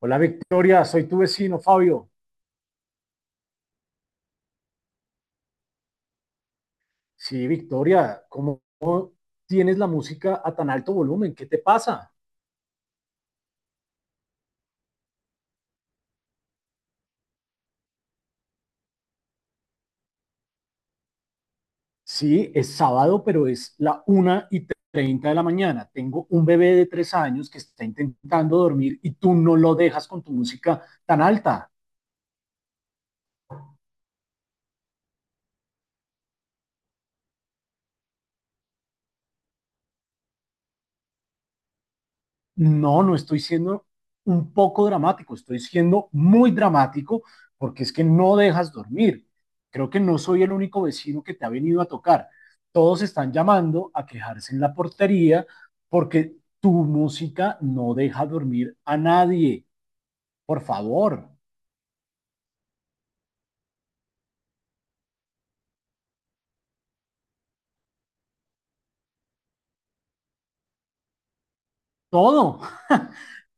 Hola Victoria, soy tu vecino Fabio. Sí, Victoria, ¿cómo tienes la música a tan alto volumen? ¿Qué te pasa? Sí, es sábado, pero es la 1:30 de la mañana. Tengo un bebé de 3 años que está intentando dormir y tú no lo dejas con tu música tan alta. No, no estoy siendo un poco dramático, estoy siendo muy dramático porque es que no dejas dormir. Creo que no soy el único vecino que te ha venido a tocar. Todos están llamando a quejarse en la portería porque tu música no deja dormir a nadie. Por favor, todo.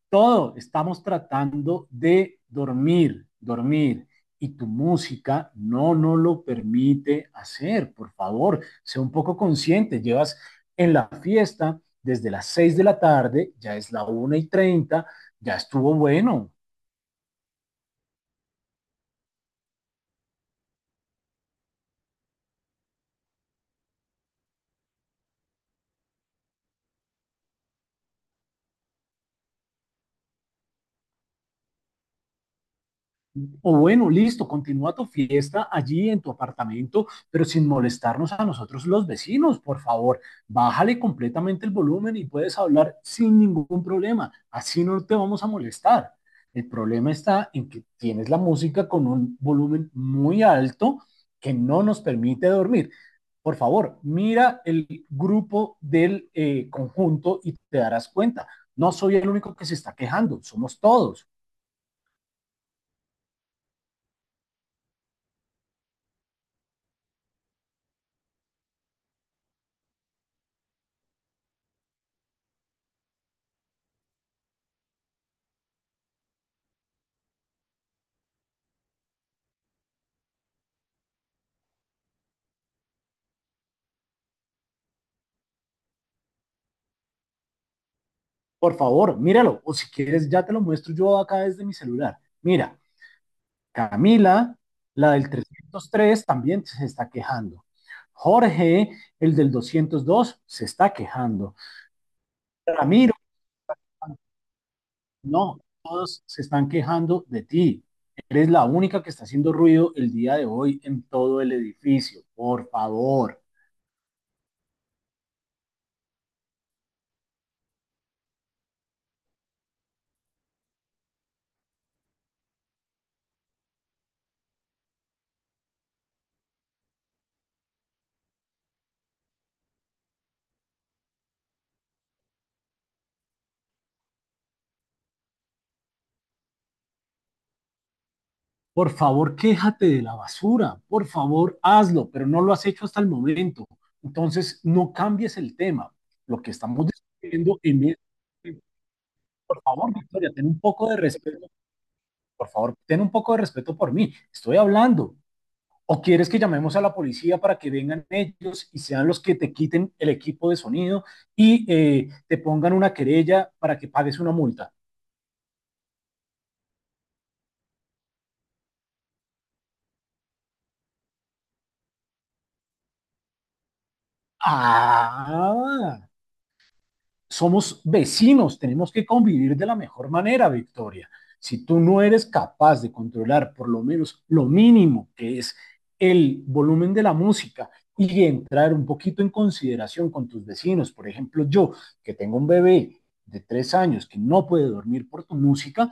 todo, estamos tratando de dormir, dormir. Y tu música no nos lo permite hacer. Por favor, sea un poco consciente. Llevas en la fiesta desde las 6 de la tarde, ya es la 1:30, ya estuvo bueno. O bueno, listo, continúa tu fiesta allí en tu apartamento, pero sin molestarnos a nosotros los vecinos, por favor. Bájale completamente el volumen y puedes hablar sin ningún problema. Así no te vamos a molestar. El problema está en que tienes la música con un volumen muy alto que no nos permite dormir. Por favor, mira el grupo del conjunto y te darás cuenta. No soy el único que se está quejando, somos todos. Por favor, míralo. O si quieres, ya te lo muestro yo acá desde mi celular. Mira, Camila, la del 303 también se está quejando. Jorge, el del 202 se está quejando. Ramiro, no, todos se están quejando de ti. Eres la única que está haciendo ruido el día de hoy en todo el edificio. Por favor. Por favor, quéjate de la basura, por favor, hazlo, pero no lo has hecho hasta el momento. Entonces, no cambies el tema. Lo que estamos discutiendo de, por favor, Victoria, ten un poco de respeto, por favor, ten un poco de respeto por mí. Estoy hablando. ¿O quieres que llamemos a la policía para que vengan ellos y sean los que te quiten el equipo de sonido y te pongan una querella para que pagues una multa? Ah, somos vecinos, tenemos que convivir de la mejor manera, Victoria. Si tú no eres capaz de controlar por lo menos lo mínimo que es el volumen de la música y entrar un poquito en consideración con tus vecinos, por ejemplo, yo que tengo un bebé de tres años que no puede dormir por tu música,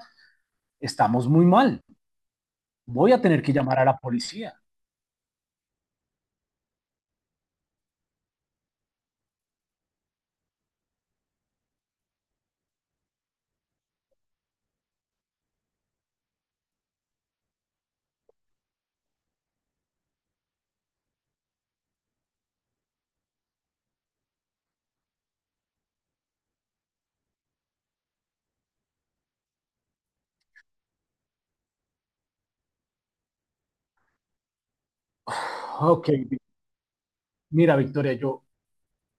estamos muy mal. Voy a tener que llamar a la policía. Ok, mira Victoria, yo,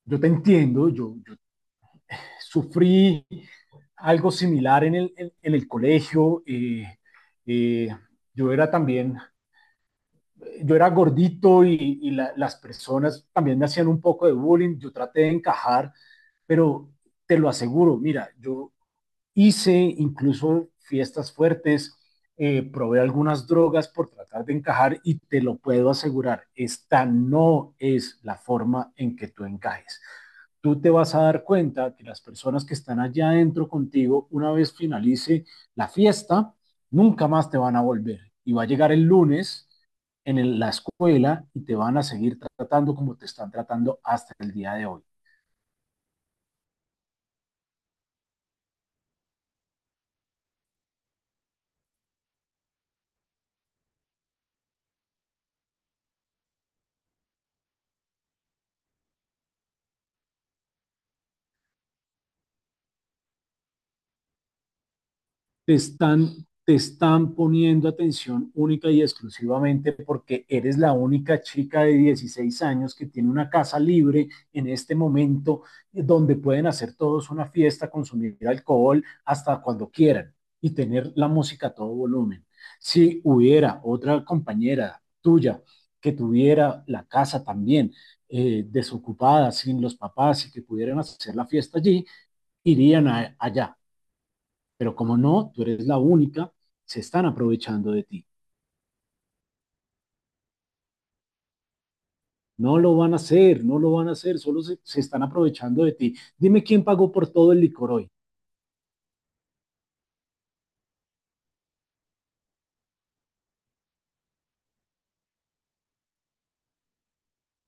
yo te entiendo, sufrí algo similar en el colegio. Eh, yo era también, yo era gordito y las personas también me hacían un poco de bullying. Yo traté de encajar, pero te lo aseguro, mira, yo hice incluso fiestas fuertes, probé algunas drogas por tratar de encajar y te lo puedo asegurar, esta no es la forma en que tú encajes. Tú te vas a dar cuenta que las personas que están allá adentro contigo, una vez finalice la fiesta, nunca más te van a volver. Y va a llegar el lunes la escuela y te van a seguir tratando como te están tratando hasta el día de hoy. te están, te están poniendo atención única y exclusivamente porque eres la única chica de 16 años que tiene una casa libre en este momento, donde pueden hacer todos una fiesta, consumir alcohol hasta cuando quieran y tener la música a todo volumen. Si hubiera otra compañera tuya que tuviera la casa también desocupada, sin los papás y que pudieran hacer la fiesta allí, irían allá. Pero como no, tú eres la única, se están aprovechando de ti. No lo van a hacer, no lo van a hacer, solo se están aprovechando de ti. Dime quién pagó por todo el licor hoy.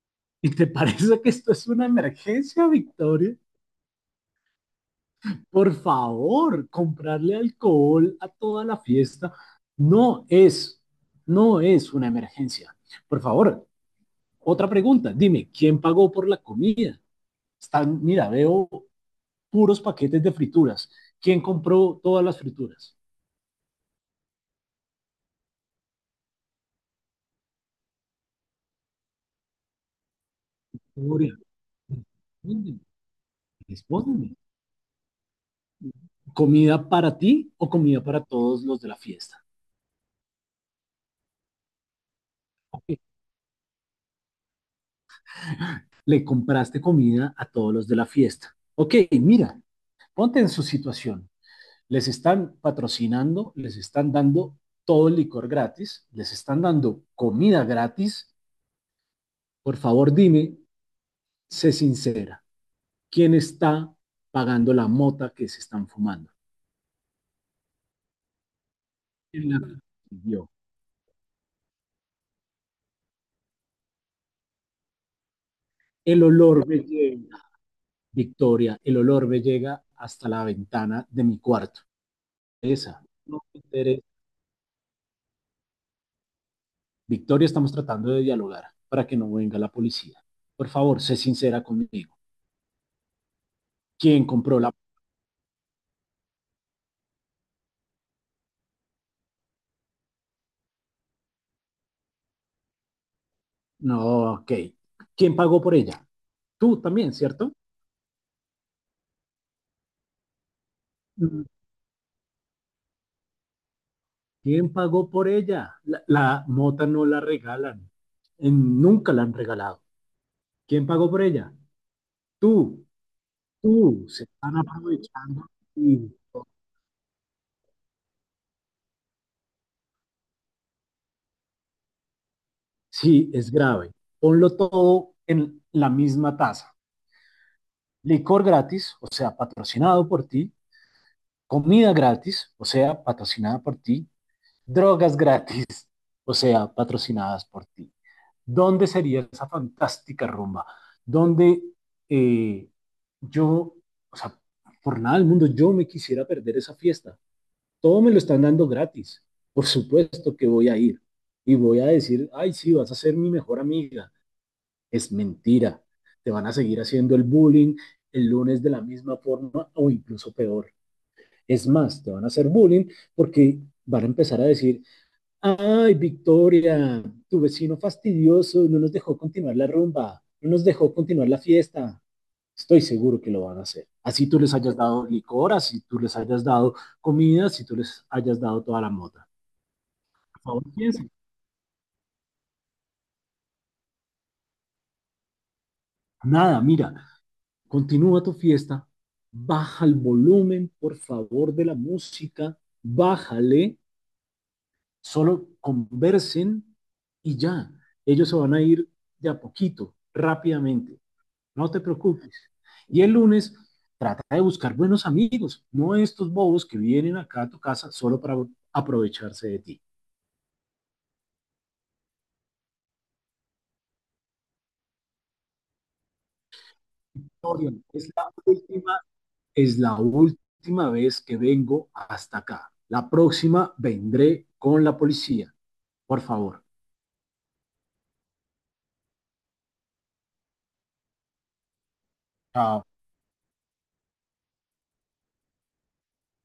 ¿Y te parece que esto es una emergencia, Victoria? Por favor, comprarle alcohol a toda la fiesta no es, no es una emergencia. Por favor, otra pregunta. Dime, ¿quién pagó por la comida? Están, mira, veo puros paquetes de frituras. ¿Quién compró todas las frituras? Gloria, respóndeme, respóndeme. ¿Comida para ti o comida para todos los de la fiesta? Ok, le compraste comida a todos los de la fiesta. Ok, mira, ponte en su situación. Les están patrocinando, les están dando todo el licor gratis, les están dando comida gratis. Por favor, dime, sé sincera, ¿quién está pagando la mota que se están fumando? El olor me lleva Victoria, el olor me llega hasta la ventana de mi cuarto. Esa, no me interesa. Victoria, estamos tratando de dialogar para que no venga la policía. Por favor, sé sincera conmigo. ¿Quién compró la... No, ok. ¿Quién pagó por ella? Tú también, ¿cierto? ¿Quién pagó por ella? La mota no la regalan. Nunca la han regalado. ¿Quién pagó por ella? Tú, tú. Se están aprovechando. De Sí, es grave. Ponlo todo en la misma taza. Licor gratis, o sea, patrocinado por ti. Comida gratis, o sea, patrocinada por ti. Drogas gratis, o sea, patrocinadas por ti. ¿Dónde sería esa fantástica rumba? Donde eh, yo, o sea, por nada del mundo yo me quisiera perder esa fiesta. Todo me lo están dando gratis. Por supuesto que voy a ir y voy a decir, ay, sí, vas a ser mi mejor amiga. Es mentira. Te van a seguir haciendo el bullying el lunes de la misma forma o incluso peor. Es más, te van a hacer bullying porque van a empezar a decir, ay, Victoria, tu vecino fastidioso no nos dejó continuar la rumba, no nos dejó continuar la fiesta. Estoy seguro que lo van a hacer. Así tú les hayas dado licor, así tú les hayas dado comida, así tú les hayas dado toda la mota. Por favor, piensen. Nada, mira, continúa tu fiesta, baja el volumen, por favor, de la música, bájale, solo conversen y ya. Ellos se van a ir de a poquito, rápidamente, no te preocupes. Y el lunes trata de buscar buenos amigos, no estos bobos que vienen acá a tu casa solo para aprovecharse de ti. Dorian, es la última vez que vengo hasta acá. La próxima vendré con la policía, por favor. ah.